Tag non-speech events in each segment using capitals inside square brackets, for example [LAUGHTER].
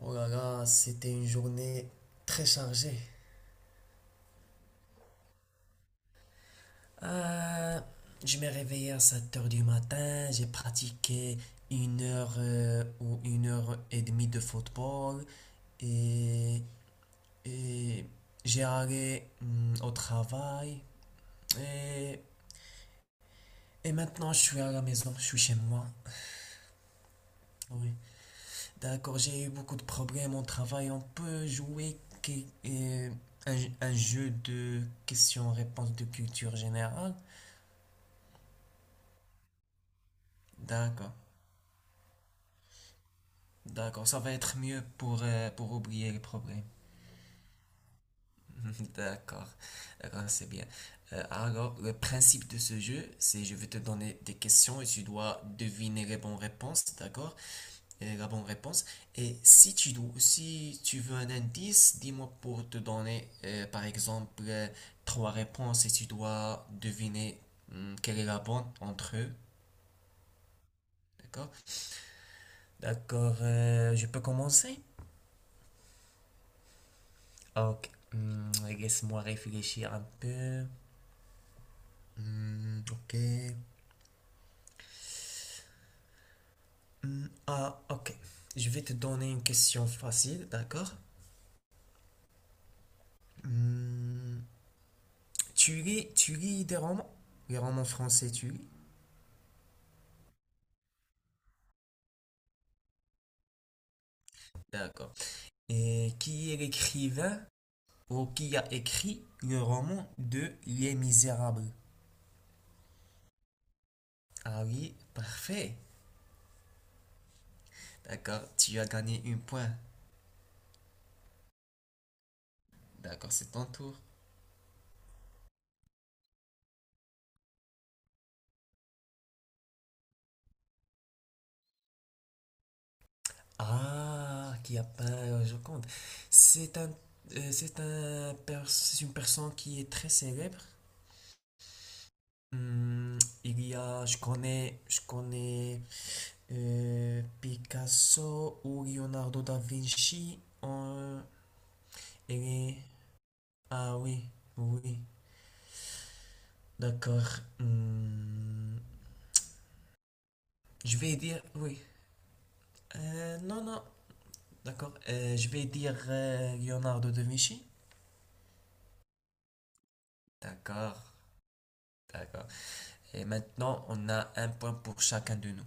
Oh là là, c'était une journée très chargée. Euh, je me réveillé à 7 heures du matin, j'ai pratiqué une heure ou une heure et demie de football et, et j'ai allé au travail et, et maintenant je suis à la maison, je suis chez moi. Oui, d'accord, j'ai eu beaucoup de problèmes au travail. On peut jouer euh, un, un jeu de questions-réponses de culture générale. D'accord, d'accord, ça va être mieux pour oublier les problèmes. [LAUGHS] D'accord, d'accord, c'est bien. Alors, le principe de ce jeu, c'est je vais te donner des questions et tu dois deviner les bonnes réponses, d'accord? Et la bonne réponse. Et si tu dois, si tu veux un indice, dis-moi pour te donner, par exemple, trois réponses et tu dois deviner quelle est la bonne entre eux, d'accord? D'accord, je peux commencer? Ok, laisse-moi réfléchir un peu. Hmm, ok. Hmm, ah, ok. Je vais te donner une question facile, d'accord? Hmm, tu lis des romans? Les romans français, tu lis? D'accord. Et qui est l'écrivain ou qui a écrit le roman de Les Misérables? Ah oui, parfait. D'accord, tu as gagné un point. D'accord, c'est ton tour. Ah, qui a peint je compte. C'est un, c'est une personne qui est très célèbre. Hmm, il y a, je connais Picasso ou Leonardo da Vinci. Il est- ah oui, oui, d'accord. Je vais dire, oui. Non, non, d'accord. Je vais dire Leonardo da Vinci. D'accord, d'accord. Et maintenant, on a un point pour chacun de nous.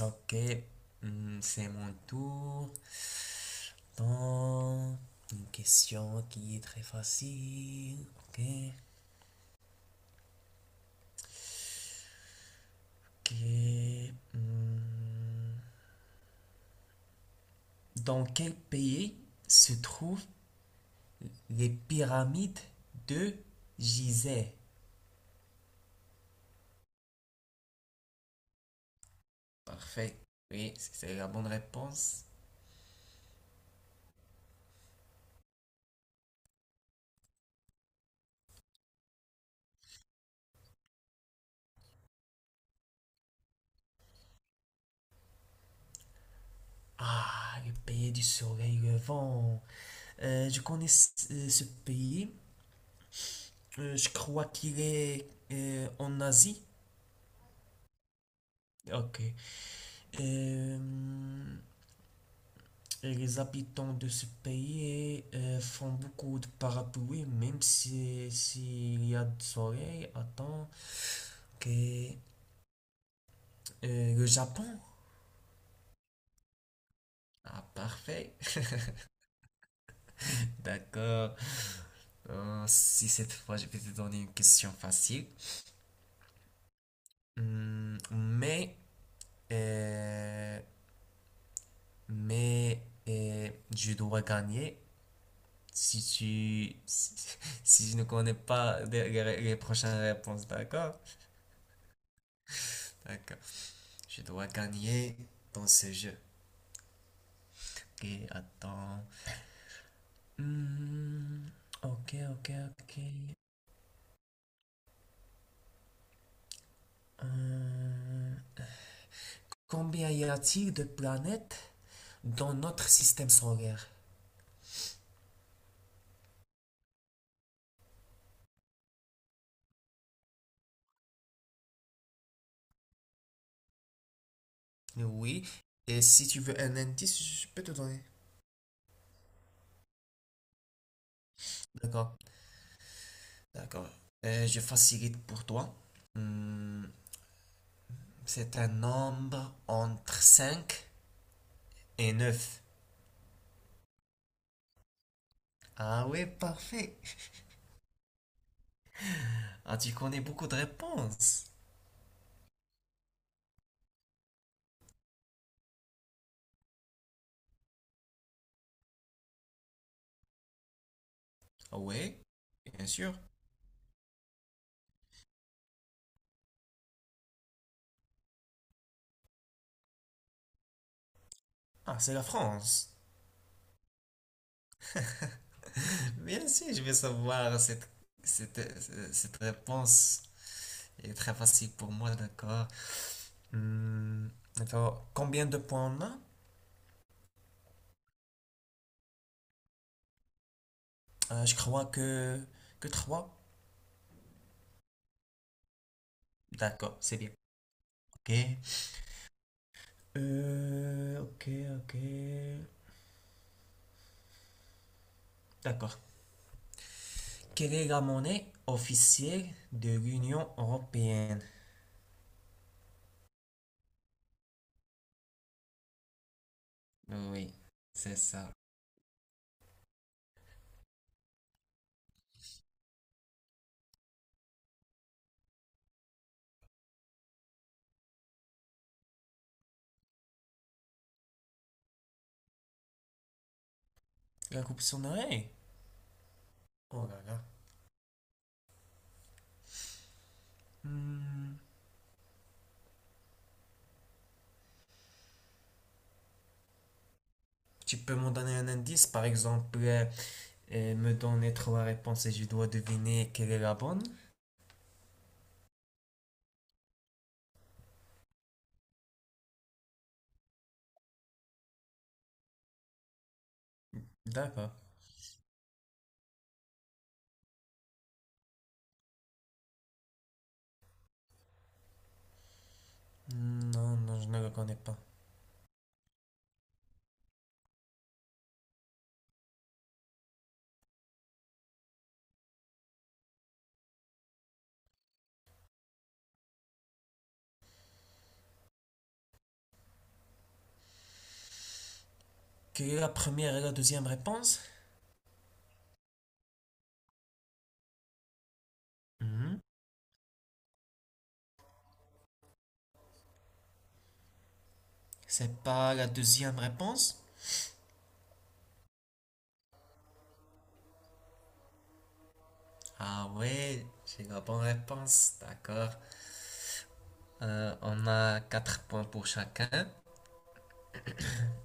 Ok, c'est mon tour. Attends, une question qui est très facile. Ok. Ok, hmm. Dans quel pays se trouvent les pyramides de Gizeh? Parfait. Oui, c'est la bonne réponse. Ah, le pays du soleil levant. Je connais ce pays. Je crois qu'il est en Asie. Ok. Euh, et les habitants de ce pays font beaucoup de parapluies, même si s'il y a du soleil. Attends. Ok. Le Japon? Ah, parfait. [LAUGHS] D'accord. Si cette fois je vais te donner une question facile. Hum, mais, euh, mais, je dois gagner si tu si si je ne connais pas les prochaines réponses, d'accord? D'accord. Je dois gagner dans ce jeu. Ok, attends. Hmm, ok, ok, ok. Euh, Combien y a-t-il de planètes dans notre système solaire? Oui. Et si tu veux un indice, je peux te donner. D'accord, d'accord. Je facilite pour toi. Hmm, c'est un nombre entre 5 et neuf. Ah ouais, parfait. Ah, tu connais beaucoup de réponses. Ah ouais, bien sûr. Ah, c'est la France. [LAUGHS] Bien sûr, je vais savoir cette, cette réponse. Elle est très facile pour moi, d'accord. Hmm, d'accord. Combien de points on a? Je crois que trois. D'accord, c'est bien. Ok. Ok, ok. D'accord. Quelle est la monnaie officielle de l'Union européenne? Oui, c'est ça. La coupe son oreille. Oh là là. Hmm. Tu peux m'en donner un indice, par exemple, me donner trois réponses et je dois deviner quelle est la bonne? D'accord. Non, non, je ne le connais pas. Quelle est la première et la deuxième réponse? Hmm. C'est pas la deuxième réponse? Ah ouais, j'ai la bonne réponse, d'accord. On a 4 points pour chacun.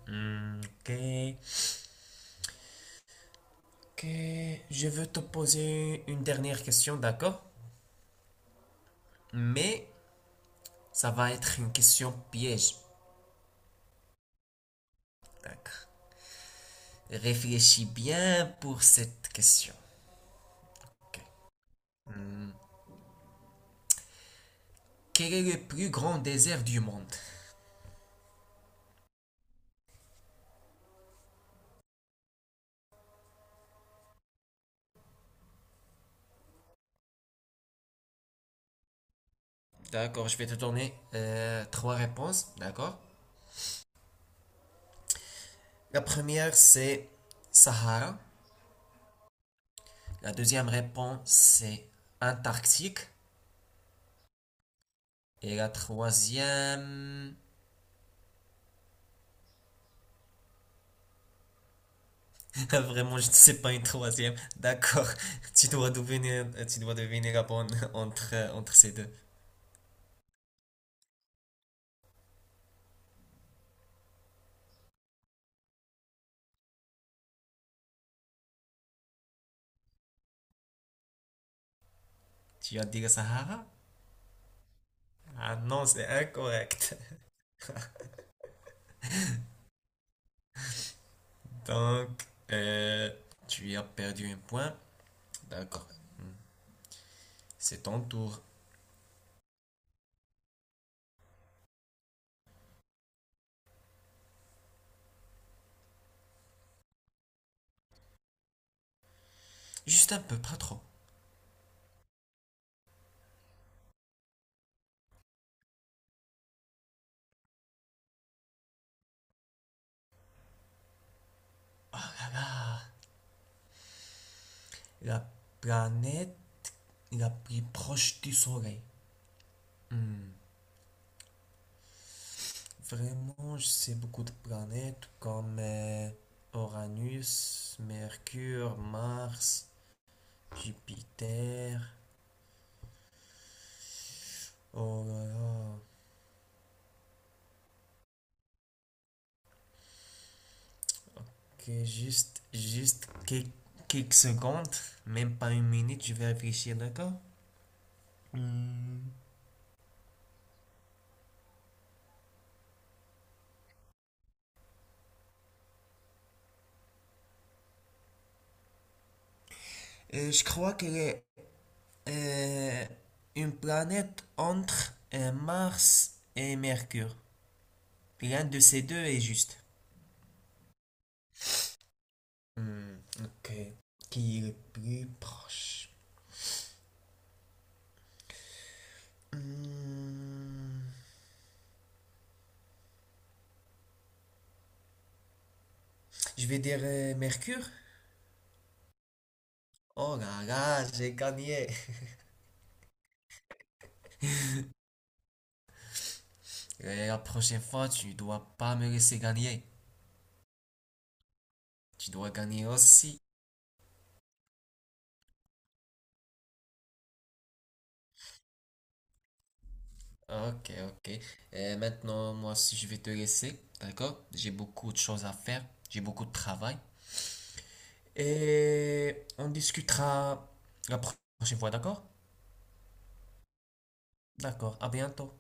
Hmm, ok. Ok, je veux te poser une dernière question, d'accord? Mais ça va être une question piège, d'accord? Réfléchis bien pour cette question. Ok. Hmm, Quel est le plus grand désert du monde? D'accord, je vais te donner trois réponses, d'accord? La première, c'est Sahara. La deuxième réponse, c'est Antarctique. Et la troisième, [LAUGHS] Vraiment, je ne sais pas une troisième. D'accord, [LAUGHS] tu dois devenir bon [LAUGHS] entre ces deux. Tu vas dire Sahara? Ah non, c'est incorrect. [LAUGHS] Donc, euh, tu as perdu un point. D'accord, Hmm. c'est ton tour. Juste un peu, pas trop. Oh là là, la planète la plus proche du Soleil. Hmm. Vraiment, je sais beaucoup de planètes comme Uranus, Mercure, Mars. Jupiter. Oh là là. Juste quelques secondes, même pas une minute, je vais réfléchir, d'accord? Hmm. Je crois qu'elle est euh, une planète entre Mars et Mercure. L'un de ces deux est juste. Hmm, ok. Qui est le plus proche? Hmm, je vais dire Mercure. Oh là là, j'ai gagné. [LAUGHS] Et la prochaine fois, tu dois pas me laisser gagner. Tu dois gagner aussi. Ok, ok. Et maintenant, moi aussi, je vais te laisser. D'accord? J'ai beaucoup de choses à faire. J'ai beaucoup de travail. Et on discutera la prochaine fois, d'accord? D'accord. À bientôt.